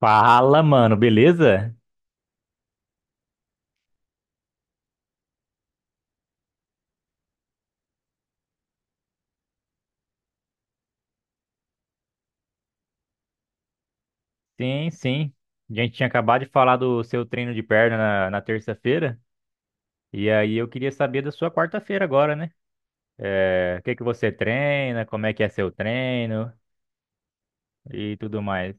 Fala, mano, beleza? Sim, sim. A gente tinha acabado de falar do seu treino de perna na terça-feira, e aí eu queria saber da sua quarta-feira agora, né? É, o que que você treina, como é que é seu treino e tudo mais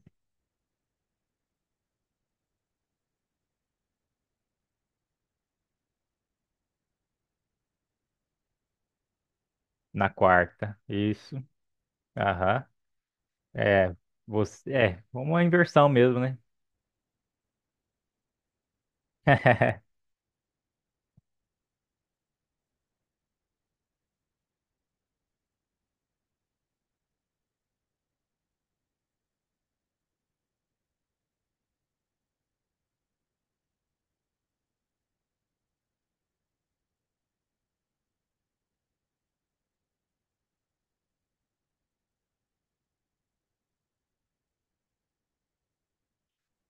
na quarta. Isso, aham. É, você, é, uma inversão mesmo, né?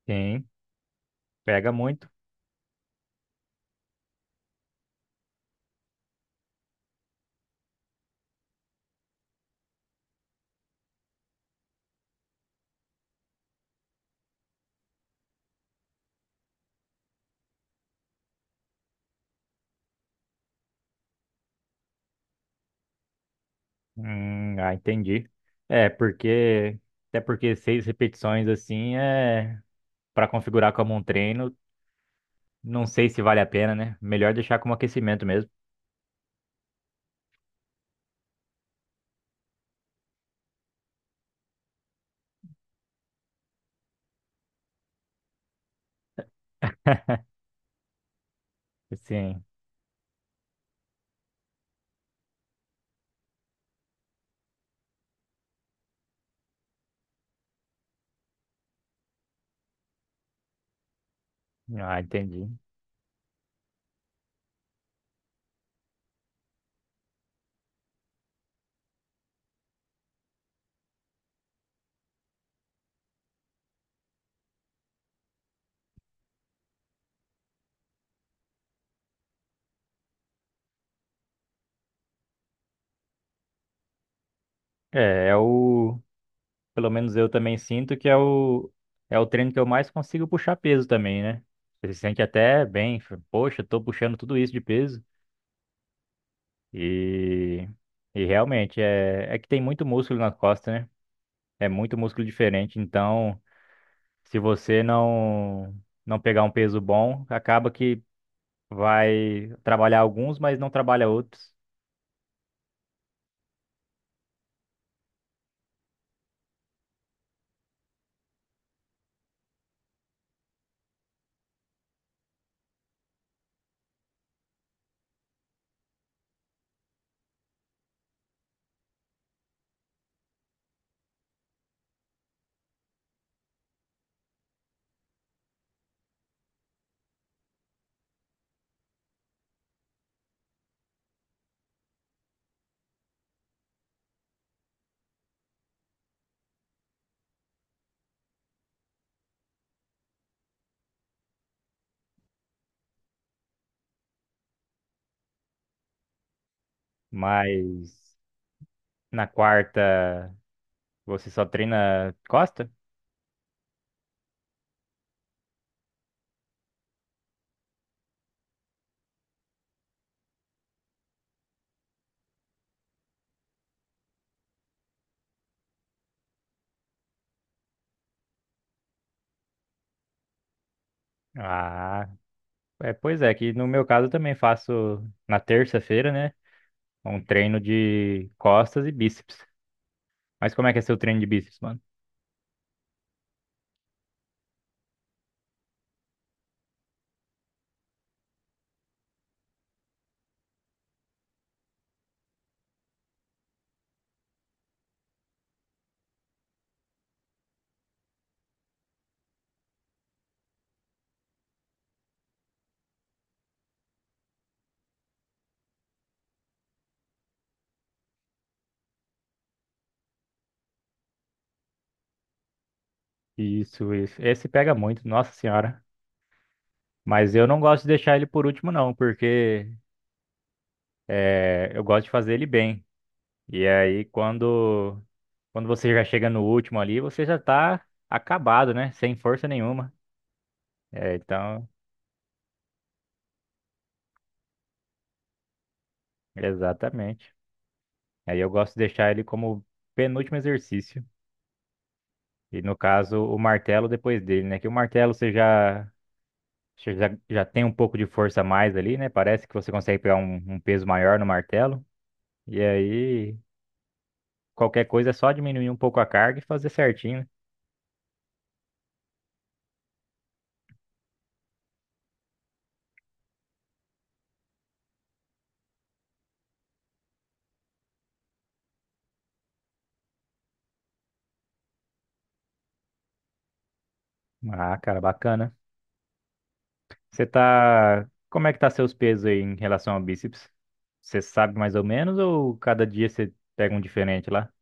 Sim, pega muito. Ah, entendi. É, porque, até porque seis repetições assim é para configurar como um treino. Não sei se vale a pena, né? Melhor deixar como aquecimento mesmo. Assim, ah, entendi. é, o. Pelo menos eu também sinto que é o. É o treino que eu mais consigo puxar peso também, né? Você se sente até bem, poxa, tô puxando tudo isso de peso. E. E realmente, é, é que tem muito músculo na costa, né? É muito músculo diferente. Então, se você não. Não pegar um peso bom, acaba que vai trabalhar alguns, mas não trabalha outros. Mas. Na quarta, você só treina costa? Ah, é, pois é, que no meu caso eu também faço na terça-feira, né? Um treino de costas e bíceps. Mas como é que é seu treino de bíceps, mano? Isso, isso. Esse pega muito, nossa senhora. Mas eu não gosto de deixar ele por último, não, porque é, eu gosto de fazer ele bem. E aí, quando você já chega no último ali, você já tá acabado, né? Sem força nenhuma. É, então, exatamente. Aí eu gosto de deixar ele como penúltimo exercício. E no caso, o martelo depois dele, né? Que o martelo você já tem um pouco de força a mais ali, né? Parece que você consegue pegar um peso maior no martelo. E aí, qualquer coisa é só diminuir um pouco a carga e fazer certinho, né? Ah, cara, bacana. Você tá. Como é que tá seus pesos aí em relação ao bíceps? Você sabe mais ou menos ou cada dia você pega um diferente lá?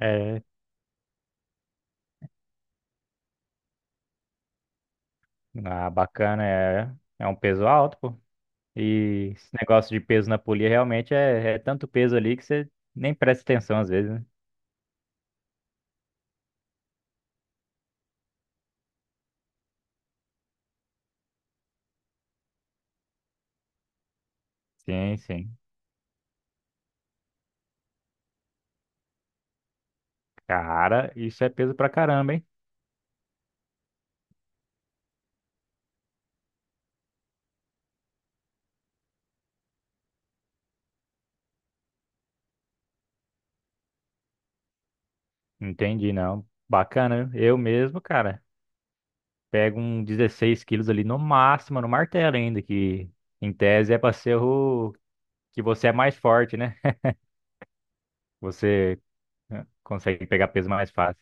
É. Ah, bacana, é. É um peso alto, pô. E esse negócio de peso na polia realmente é, tanto peso ali que você nem presta atenção às vezes, né? Sim, sim. Cara, isso é peso pra caramba, hein? Entendi, não. Bacana, viu? Eu mesmo, cara, pego um 16 quilos ali no máximo, no martelo ainda, que em tese é pra ser o que você é mais forte, né? Você eh, consegue pegar peso mais fácil.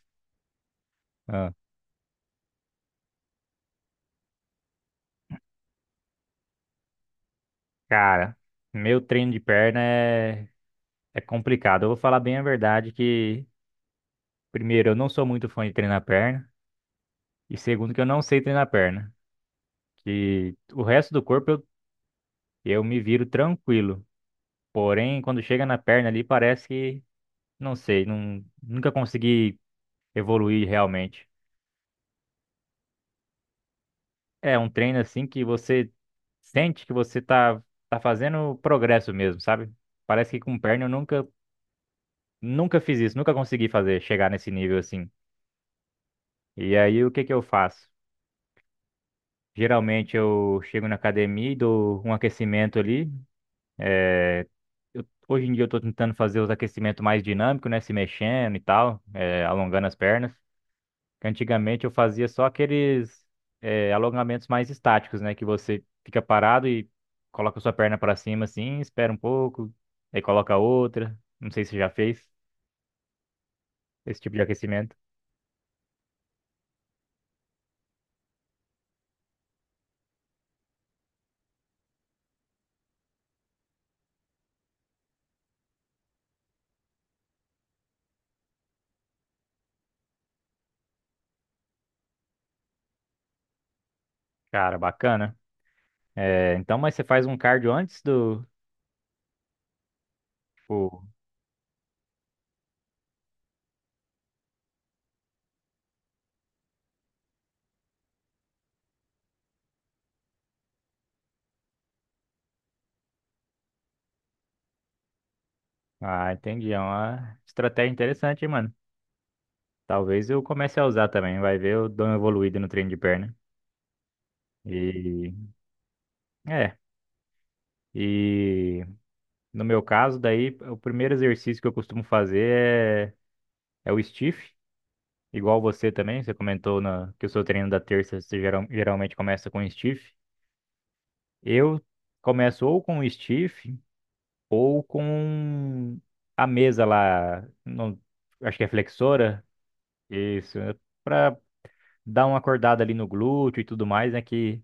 Ah, cara, meu treino de perna é complicado. Eu vou falar bem a verdade que, primeiro, eu não sou muito fã de treinar perna. E segundo, que eu não sei treinar perna. Que o resto do corpo eu me viro tranquilo. Porém, quando chega na perna ali, parece que, não sei, não, nunca consegui evoluir realmente. É um treino assim que você sente que você tá, tá fazendo progresso mesmo, sabe? Parece que com perna eu nunca, nunca fiz isso, nunca consegui fazer, chegar nesse nível assim. E aí, o que que eu faço? Geralmente eu chego na academia e dou um aquecimento ali. Hoje em dia eu tô tentando fazer os aquecimentos mais dinâmicos, né? Se mexendo e tal, é, alongando as pernas. Que antigamente eu fazia só aqueles é, alongamentos mais estáticos, né? Que você fica parado e coloca sua perna pra cima assim, espera um pouco, aí coloca outra. Não sei se você já fez esse tipo de aquecimento. Cara, bacana. É, então, mas você faz um cardio antes do. Tipo, ah, entendi. É uma estratégia interessante, hein, mano. Talvez eu comece a usar também. Vai ver, eu dou uma evoluída no treino de perna. E É. E no meu caso, daí, o primeiro exercício que eu costumo fazer é, o stiff, igual você também. Você comentou na, que o seu treino da terça você geralmente começa com stiff. Eu começo ou com o stiff ou com a mesa lá, não, acho que é flexora, isso, para dar uma acordada ali no glúteo e tudo mais, né? Que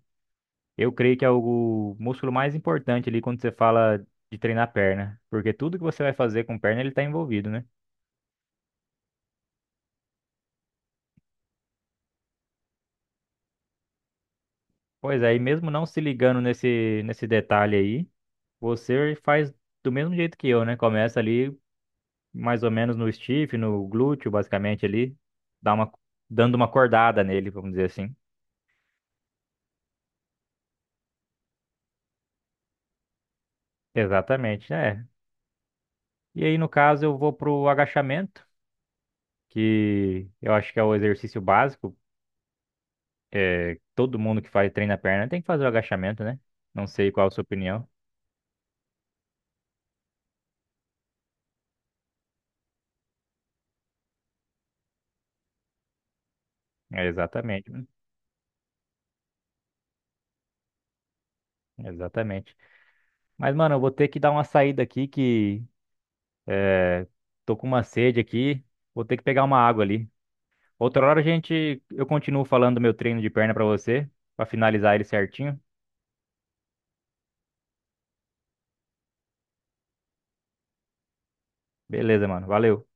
eu creio que é o músculo mais importante ali quando você fala de treinar perna, porque tudo que você vai fazer com perna ele está envolvido, né? Pois é, e mesmo não se ligando nesse detalhe aí, você faz do mesmo jeito que eu, né? Começa ali mais ou menos no stiff, no glúteo, basicamente ali, dá uma, dando uma cordada nele, vamos dizer assim. Exatamente, é. E aí, no caso, eu vou pro agachamento, que eu acho que é o exercício básico é, todo mundo que faz treino na perna tem que fazer o agachamento, né? Não sei qual a sua opinião. É, exatamente, mano. Exatamente. Mas, mano, eu vou ter que dar uma saída aqui que é, tô com uma sede aqui. Vou ter que pegar uma água ali. Outra hora a gente, eu continuo falando do meu treino de perna pra você, pra finalizar ele certinho. Beleza, mano. Valeu.